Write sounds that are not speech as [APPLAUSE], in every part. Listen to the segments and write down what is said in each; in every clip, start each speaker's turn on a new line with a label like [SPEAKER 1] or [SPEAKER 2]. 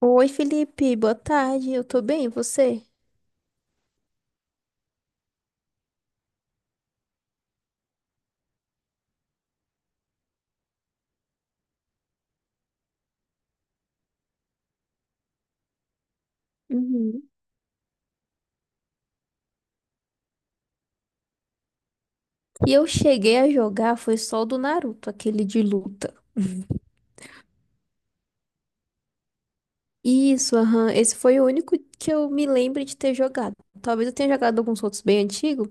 [SPEAKER 1] Oi, Felipe, boa tarde. Eu tô bem, e você? Uhum. Eu cheguei a jogar foi só o do Naruto, aquele de luta. Isso, aham. Esse foi o único que eu me lembro de ter jogado. Talvez eu tenha jogado alguns outros bem antigos,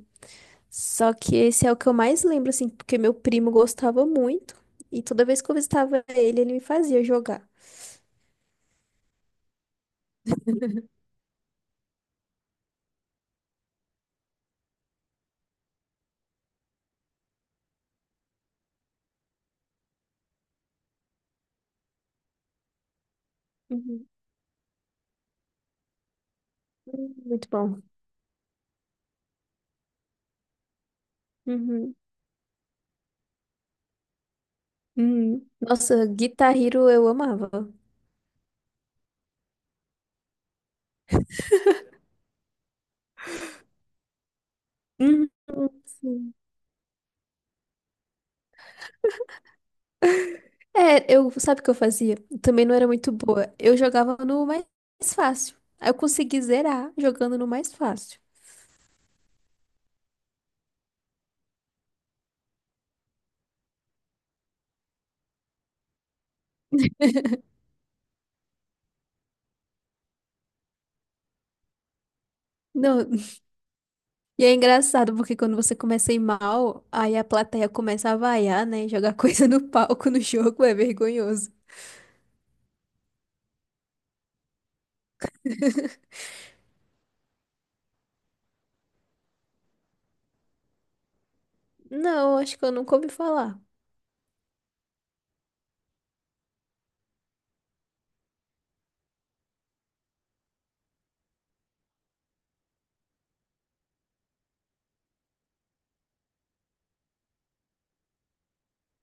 [SPEAKER 1] só que esse é o que eu mais lembro, assim, porque meu primo gostava muito e toda vez que eu visitava ele, ele me fazia jogar. Uhum. Muito bom. Uhum. Uhum. Nossa, Guitar Hero eu amava. Uhum. É, eu, sabe o que eu fazia? Também não era muito boa. Eu jogava no mais fácil. Aí eu consegui zerar jogando no mais fácil. Não, [LAUGHS] e é engraçado porque quando você começa a ir mal, aí a plateia começa a vaiar, né? Jogar [LAUGHS] coisa no palco no jogo é vergonhoso. Não, acho que eu nunca ouvi falar.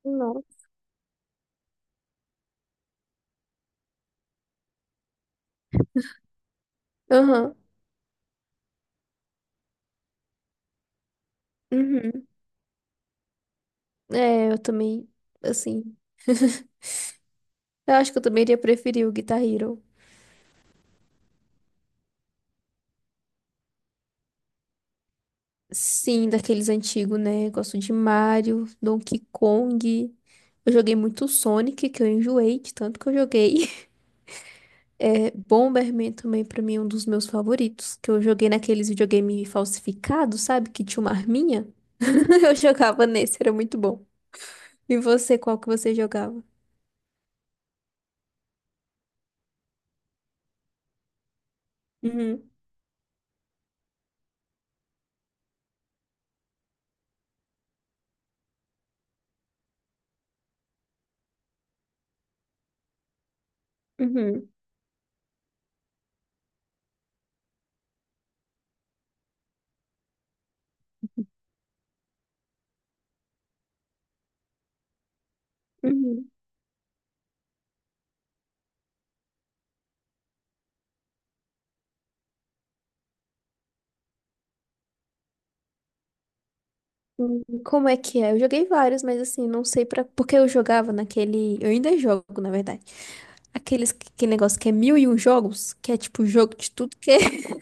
[SPEAKER 1] Não. Aham. Uhum. É, eu também, assim, eu acho que eu também iria preferir o Guitar Hero. Sim, daqueles antigos, né? Gosto de Mario, Donkey Kong. Eu joguei muito Sonic, que eu enjoei de tanto que eu joguei. [LAUGHS] É, Bomberman também, pra mim, é um dos meus favoritos. Que eu joguei naqueles videogame falsificados, sabe? Que tinha uma arminha. [LAUGHS] Eu jogava nesse, era muito bom. E você, qual que você jogava? Uhum, uhum, uhum. Como é que é? Eu joguei vários, mas assim, não sei pra... Porque eu jogava naquele... Eu ainda jogo, na verdade. Aqueles que negócio que é mil e um jogos, que é tipo jogo de tudo, que é [LAUGHS]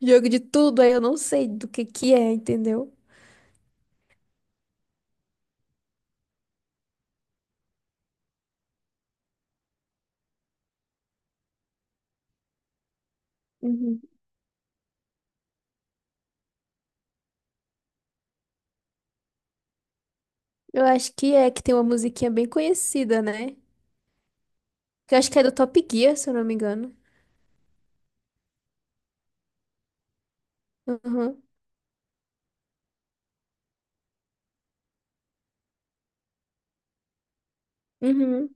[SPEAKER 1] jogo de tudo, aí eu não sei do que é, entendeu? Uhum. Eu acho que é, que tem uma musiquinha bem conhecida, né? Que eu acho que é do Top Gear, se eu não me engano. Uhum. Uhum.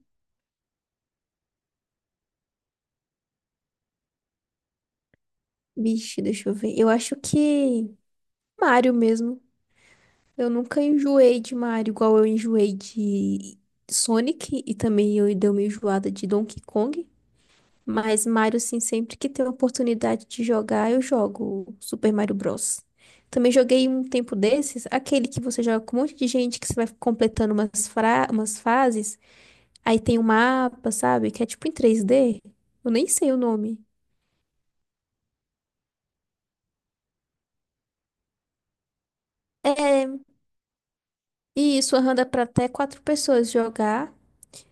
[SPEAKER 1] Vixe, deixa eu ver. Eu acho que Mario mesmo. Eu nunca enjoei de Mario, igual eu enjoei de Sonic e também eu dei uma enjoada de Donkey Kong. Mas Mario, sim, sempre que tem a oportunidade de jogar, eu jogo o Super Mario Bros. Também joguei um tempo desses, aquele que você joga com um monte de gente, que você vai completando umas, fra umas fases, aí tem um mapa, sabe? Que é tipo em 3D. Eu nem sei o nome. É, e isso aham, dá pra até quatro pessoas jogar.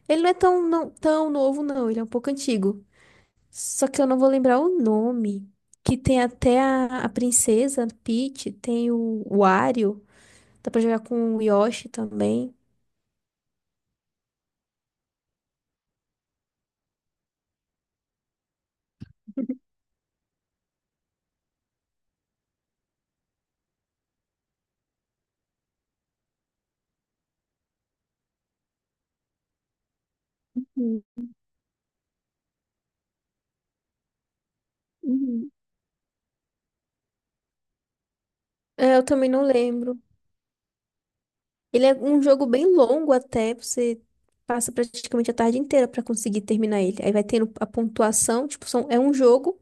[SPEAKER 1] Ele não é tão, não, tão novo, não, ele é um pouco antigo. Só que eu não vou lembrar o nome. Que tem até a princesa Peach, tem o Wario. Dá pra jogar com o Yoshi também. Uhum, uhum. É, eu também não lembro. Ele é um jogo bem longo até, você passa praticamente a tarde inteira pra conseguir terminar ele. Aí vai tendo a pontuação, tipo, são, é um jogo,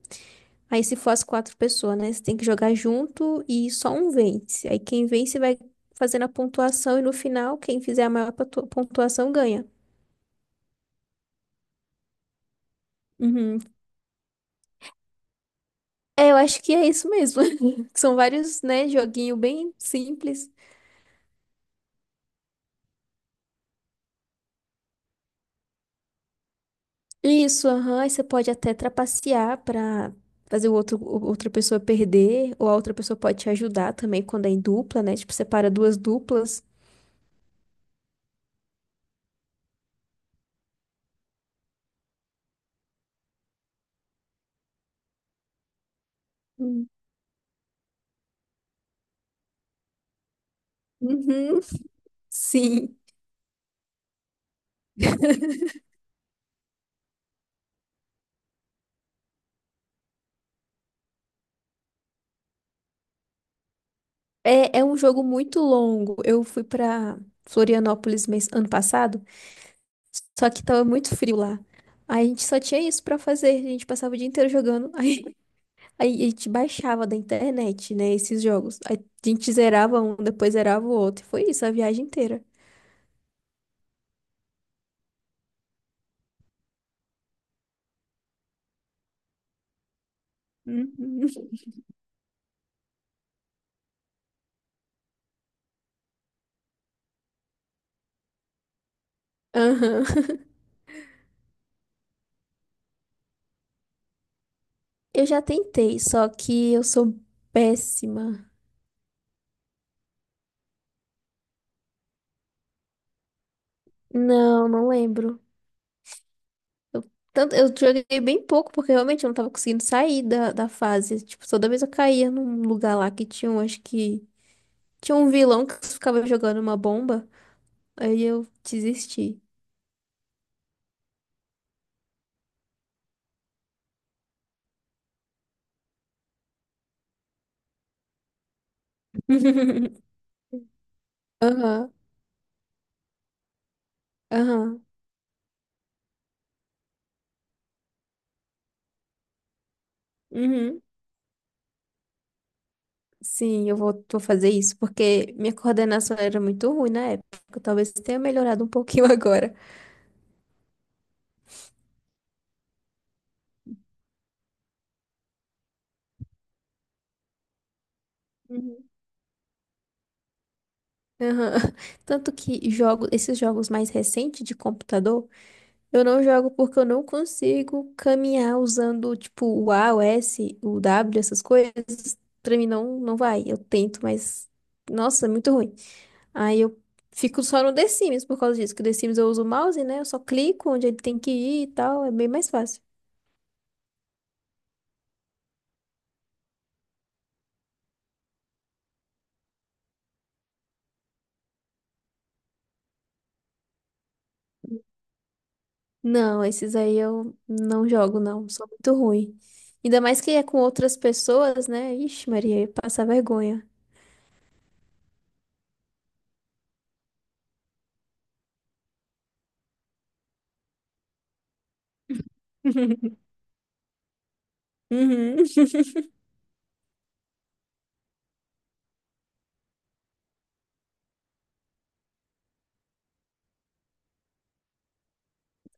[SPEAKER 1] aí se for as quatro pessoas, né? Você tem que jogar junto e só um vence. Aí quem vence vai fazendo a pontuação e no final, quem fizer a maior pontuação ganha. Uhum. É, eu acho que é isso mesmo. [LAUGHS] São vários, né, joguinho bem simples. Isso, aham, aí você pode até trapacear pra fazer o outro, outra pessoa perder, ou a outra pessoa pode te ajudar também quando é em dupla, né? Tipo, separa duas duplas. Hum. Uhum, sim. [LAUGHS] É, é um jogo muito longo. Eu fui pra Florianópolis mês, ano passado, só que tava muito frio lá. Aí a gente só tinha isso pra fazer. A gente passava o dia inteiro jogando. [LAUGHS] Aí a gente baixava da internet, né, esses jogos. Aí a gente zerava um, depois zerava o outro. E foi isso a viagem inteira. Uhum. Aham. [LAUGHS] Eu já tentei, só que eu sou péssima. Não, não lembro. Eu, tanto, eu joguei bem pouco, porque realmente eu não tava conseguindo sair da fase. Tipo, toda vez eu caía num lugar lá que tinha um, acho que... Tinha um vilão que ficava jogando uma bomba. Aí eu desisti. [LAUGHS] Aham, aham. Uhum. Sim, eu vou, vou fazer isso, porque minha coordenação era muito ruim na época. Talvez tenha melhorado um pouquinho [LAUGHS] agora. Aham. [LAUGHS] Tanto que jogo, esses jogos mais recentes de computador, eu não jogo porque eu não consigo caminhar usando, tipo, o A, o S, o W, essas coisas. Pra mim não, não vai. Eu tento, mas, nossa, é muito ruim. Aí eu fico só no The Sims por causa disso, que o The Sims eu uso o mouse, né? Eu só clico onde ele tem que ir e tal, é bem mais fácil. Não, esses aí eu não jogo, não. Sou muito ruim. Ainda mais que é com outras pessoas, né? Ixi, Maria, passa vergonha. [LAUGHS] Uhum. [LAUGHS]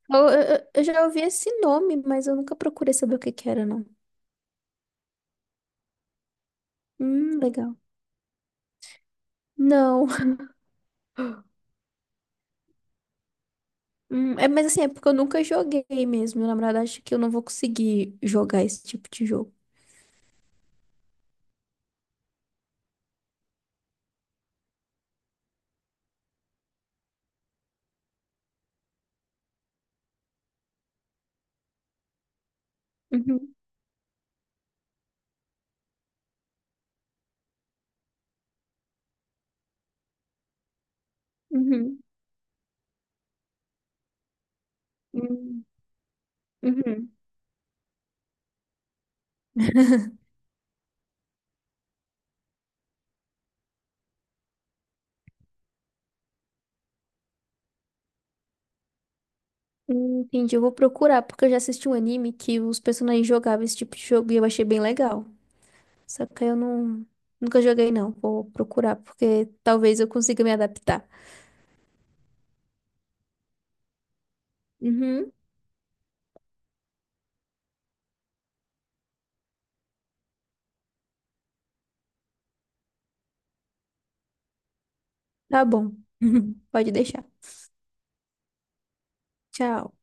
[SPEAKER 1] Eu, eu já ouvi esse nome, mas eu nunca procurei saber o que que era, não. Legal. Não. [LAUGHS] É, mas assim, é porque eu nunca joguei mesmo. Na verdade, acho que eu não vou conseguir jogar esse tipo de jogo. Uhum, uhum, hum, uhum. [LAUGHS] Entendi, eu vou procurar, porque eu já assisti um anime que os personagens jogavam esse tipo de jogo e eu achei bem legal. Só que eu não, nunca joguei, não. Vou procurar, porque talvez eu consiga me adaptar. Uhum, tá bom. [LAUGHS] Pode deixar. Tchau.